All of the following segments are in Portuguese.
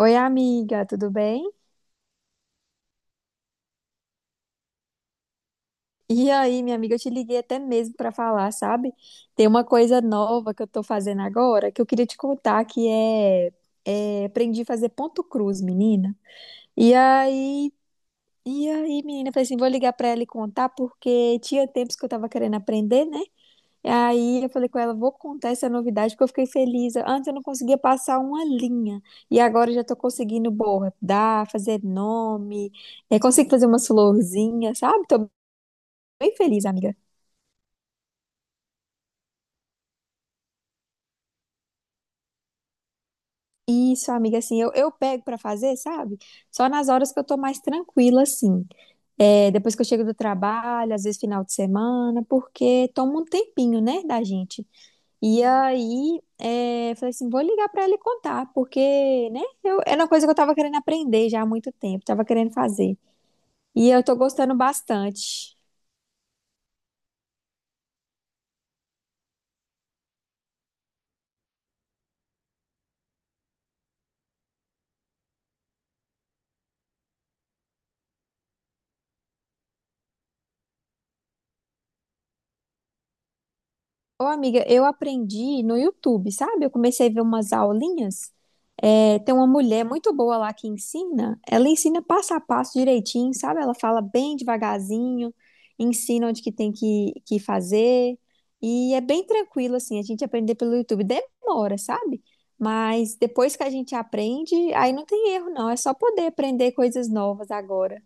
Oi, amiga, tudo bem? E aí, minha amiga, eu te liguei até mesmo para falar, sabe? Tem uma coisa nova que eu tô fazendo agora que eu queria te contar que aprendi a fazer ponto cruz, menina. E aí, e aí, menina, eu falei assim, vou ligar para ela e contar porque tinha tempos que eu tava querendo aprender, né? E aí eu falei com ela, vou contar essa novidade porque eu fiquei feliz. Antes eu não conseguia passar uma linha e agora eu já tô conseguindo bordar, fazer nome, consigo fazer umas florzinhas, sabe? Tô bem feliz, amiga. Isso, amiga, assim, eu pego pra fazer, sabe? Só nas horas que eu tô mais tranquila, assim. É, depois que eu chego do trabalho, às vezes final de semana, porque toma um tempinho, né, da gente. E aí, falei assim, vou ligar pra ele contar, porque, né, eu, era uma coisa que eu tava querendo aprender já há muito tempo, tava querendo fazer. E eu tô gostando bastante. Ô, amiga, eu aprendi no YouTube, sabe? Eu comecei a ver umas aulinhas. É, tem uma mulher muito boa lá que ensina. Ela ensina passo a passo direitinho, sabe? Ela fala bem devagarzinho, ensina onde que tem que fazer. E é bem tranquilo, assim, a gente aprender pelo YouTube. Demora, sabe? Mas depois que a gente aprende, aí não tem erro, não. É só poder aprender coisas novas agora.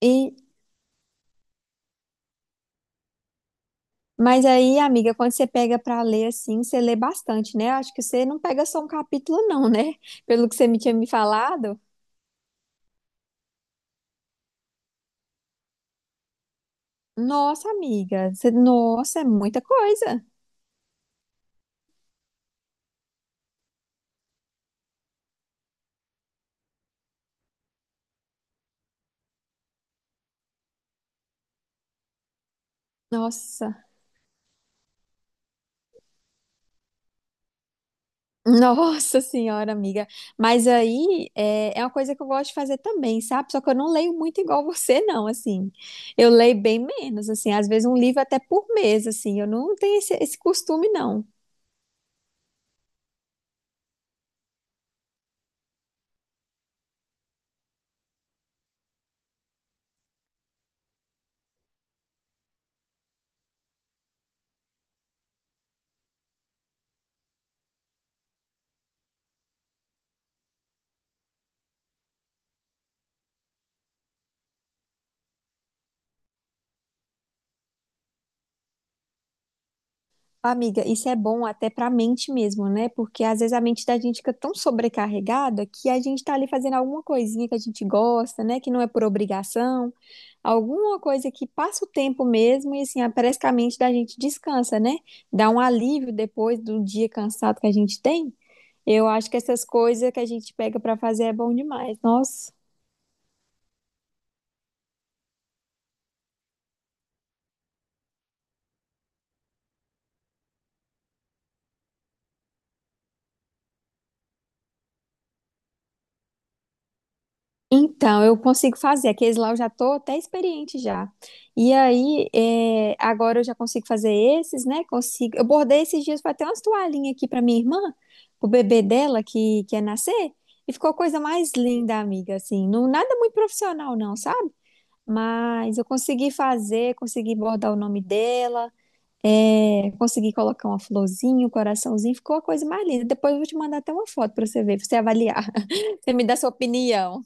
E mas aí, amiga, quando você pega pra ler assim, você lê bastante, né? Eu acho que você não pega só um capítulo, não, né? Pelo que você me tinha me falado. Nossa, amiga, nossa, é muita coisa. Nossa, nossa senhora, amiga. Mas aí é uma coisa que eu gosto de fazer também, sabe? Só que eu não leio muito igual você, não, assim. Eu leio bem menos, assim. Às vezes um livro até por mês, assim. Eu não tenho esse costume, não. Amiga, isso é bom até para a mente mesmo, né? Porque às vezes a mente da gente fica tão sobrecarregada que a gente tá ali fazendo alguma coisinha que a gente gosta, né? Que não é por obrigação, alguma coisa que passa o tempo mesmo e assim, ah, parece que a mente da gente descansa, né? Dá um alívio depois do dia cansado que a gente tem. Eu acho que essas coisas que a gente pega para fazer é bom demais. Nossa. Então, eu consigo fazer. Aqueles lá eu já tô até experiente já. E aí, agora eu já consigo fazer esses, né? Consigo. Eu bordei esses dias, foi até umas toalhinhas aqui pra minha irmã, pro bebê dela que ia nascer, e ficou a coisa mais linda, amiga, assim. Não, nada muito profissional não, sabe? Mas eu consegui fazer, consegui bordar o nome dela, consegui colocar uma florzinha, um coraçãozinho, ficou a coisa mais linda. Depois eu vou te mandar até uma foto pra você ver, pra você avaliar. Você me dá sua opinião.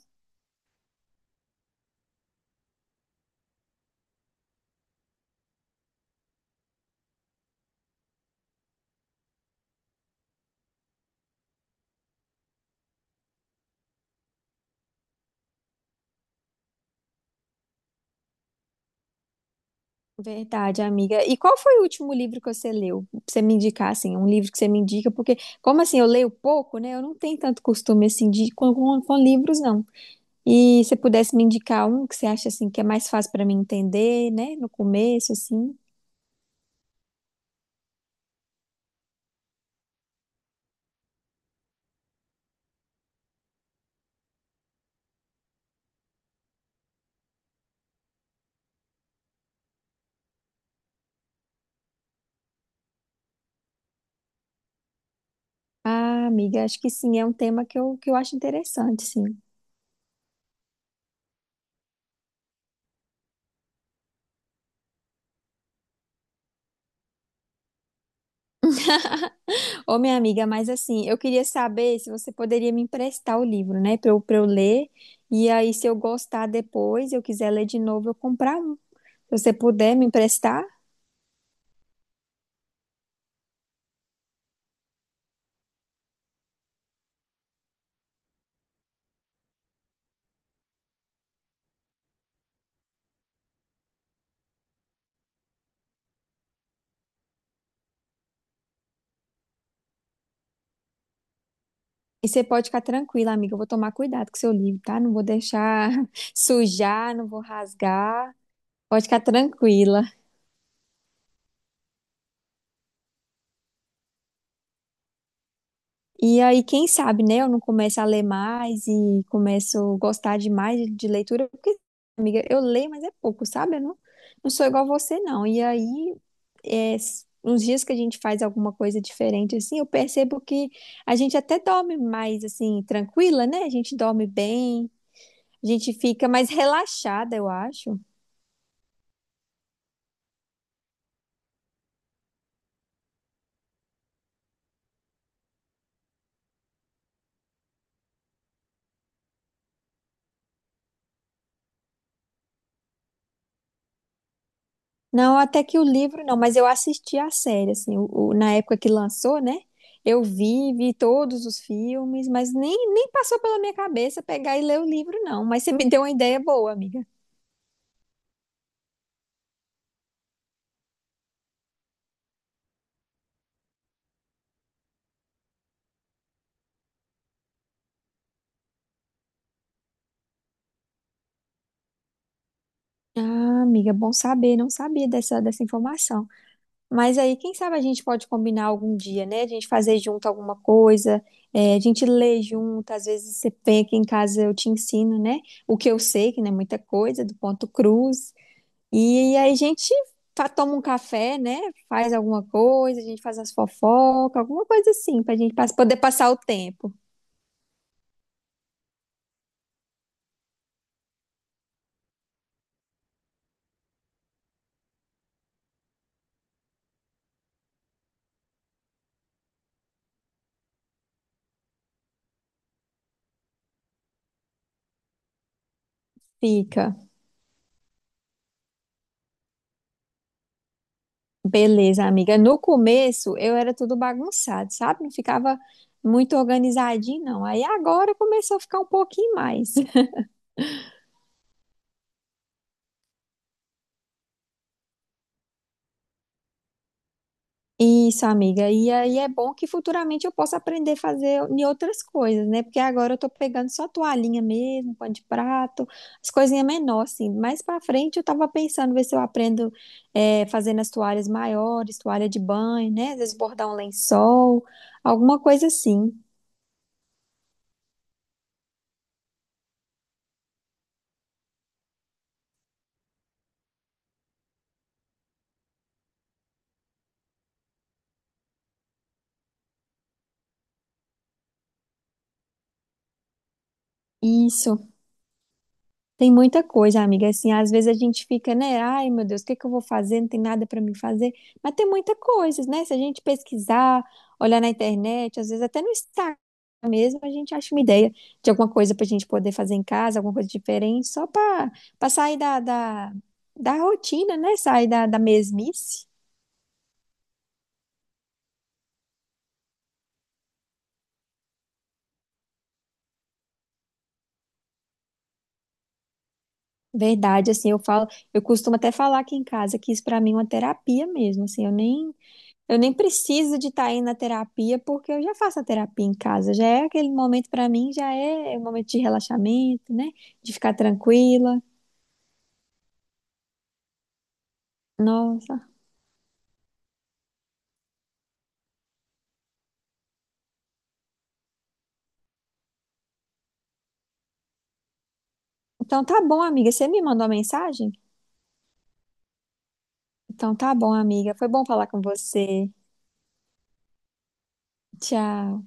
Verdade, amiga. E qual foi o último livro que você leu? Pra você me indicar, assim, um livro que você me indica, porque, como assim, eu leio pouco, né? Eu não tenho tanto costume, assim, com livros, não. E se pudesse me indicar um que você acha, assim, que é mais fácil para mim entender, né? No começo, assim. Ah, amiga, acho que sim, é um tema que eu acho interessante, sim. Ô, minha amiga, mas assim, eu queria saber se você poderia me emprestar o livro, né? Pra eu ler. E aí, se eu gostar depois, eu quiser ler de novo, eu comprar um. Se você puder me emprestar. E você pode ficar tranquila, amiga. Eu vou tomar cuidado com seu livro, tá? Não vou deixar sujar, não vou rasgar. Pode ficar tranquila. E aí, quem sabe, né? Eu não começo a ler mais e começo a gostar demais de leitura, porque, amiga, eu leio, mas é pouco, sabe? Eu não, não sou igual você, não. E aí, uns dias que a gente faz alguma coisa diferente, assim, eu percebo que a gente até dorme mais, assim, tranquila, né? A gente dorme bem, a gente fica mais relaxada, eu acho. Não, até que o livro não, mas eu assisti a série, assim, na época que lançou, né? Eu vi todos os filmes, mas nem passou pela minha cabeça pegar e ler o livro, não. Mas você me deu uma ideia boa, amiga. Ah, amiga, bom saber, não sabia dessa informação. Mas aí, quem sabe a gente pode combinar algum dia, né? A gente fazer junto alguma coisa, a gente lê junto, às vezes você vem aqui em casa, eu te ensino, né? O que eu sei, que não é muita coisa, do ponto cruz. E aí a gente toma um café, né? Faz alguma coisa, a gente faz as fofocas, alguma coisa assim, pra gente poder passar o tempo. Fica. Beleza, amiga. No começo eu era tudo bagunçado, sabe? Não ficava muito organizadinho, não. Aí agora começou a ficar um pouquinho mais. Isso, amiga. E aí é bom que futuramente eu possa aprender a fazer em outras coisas, né? Porque agora eu tô pegando só toalhinha mesmo, pano de prato, as coisinhas menores, assim. Mais pra frente eu tava pensando ver se eu aprendo fazendo as toalhas maiores, toalha de banho, né? Às vezes bordar um lençol, alguma coisa assim. Isso. Tem muita coisa, amiga. Assim, às vezes a gente fica, né? Ai, meu Deus, o que eu vou fazer? Não tem nada para mim fazer. Mas tem muita coisa, né? Se a gente pesquisar, olhar na internet, às vezes até no Instagram mesmo, a gente acha uma ideia de alguma coisa para a gente poder fazer em casa, alguma coisa diferente, só para para sair da rotina, né? Sair da mesmice. Verdade, assim, eu falo, eu costumo até falar aqui em casa que isso para mim é uma terapia mesmo, Eu nem preciso de estar aí na terapia, porque eu já faço a terapia em casa. Já é aquele momento para mim, já é um momento de relaxamento, né? De ficar tranquila. Nossa. Então tá bom, amiga. Você me mandou uma mensagem? Então tá bom, amiga. Foi bom falar com você. Tchau.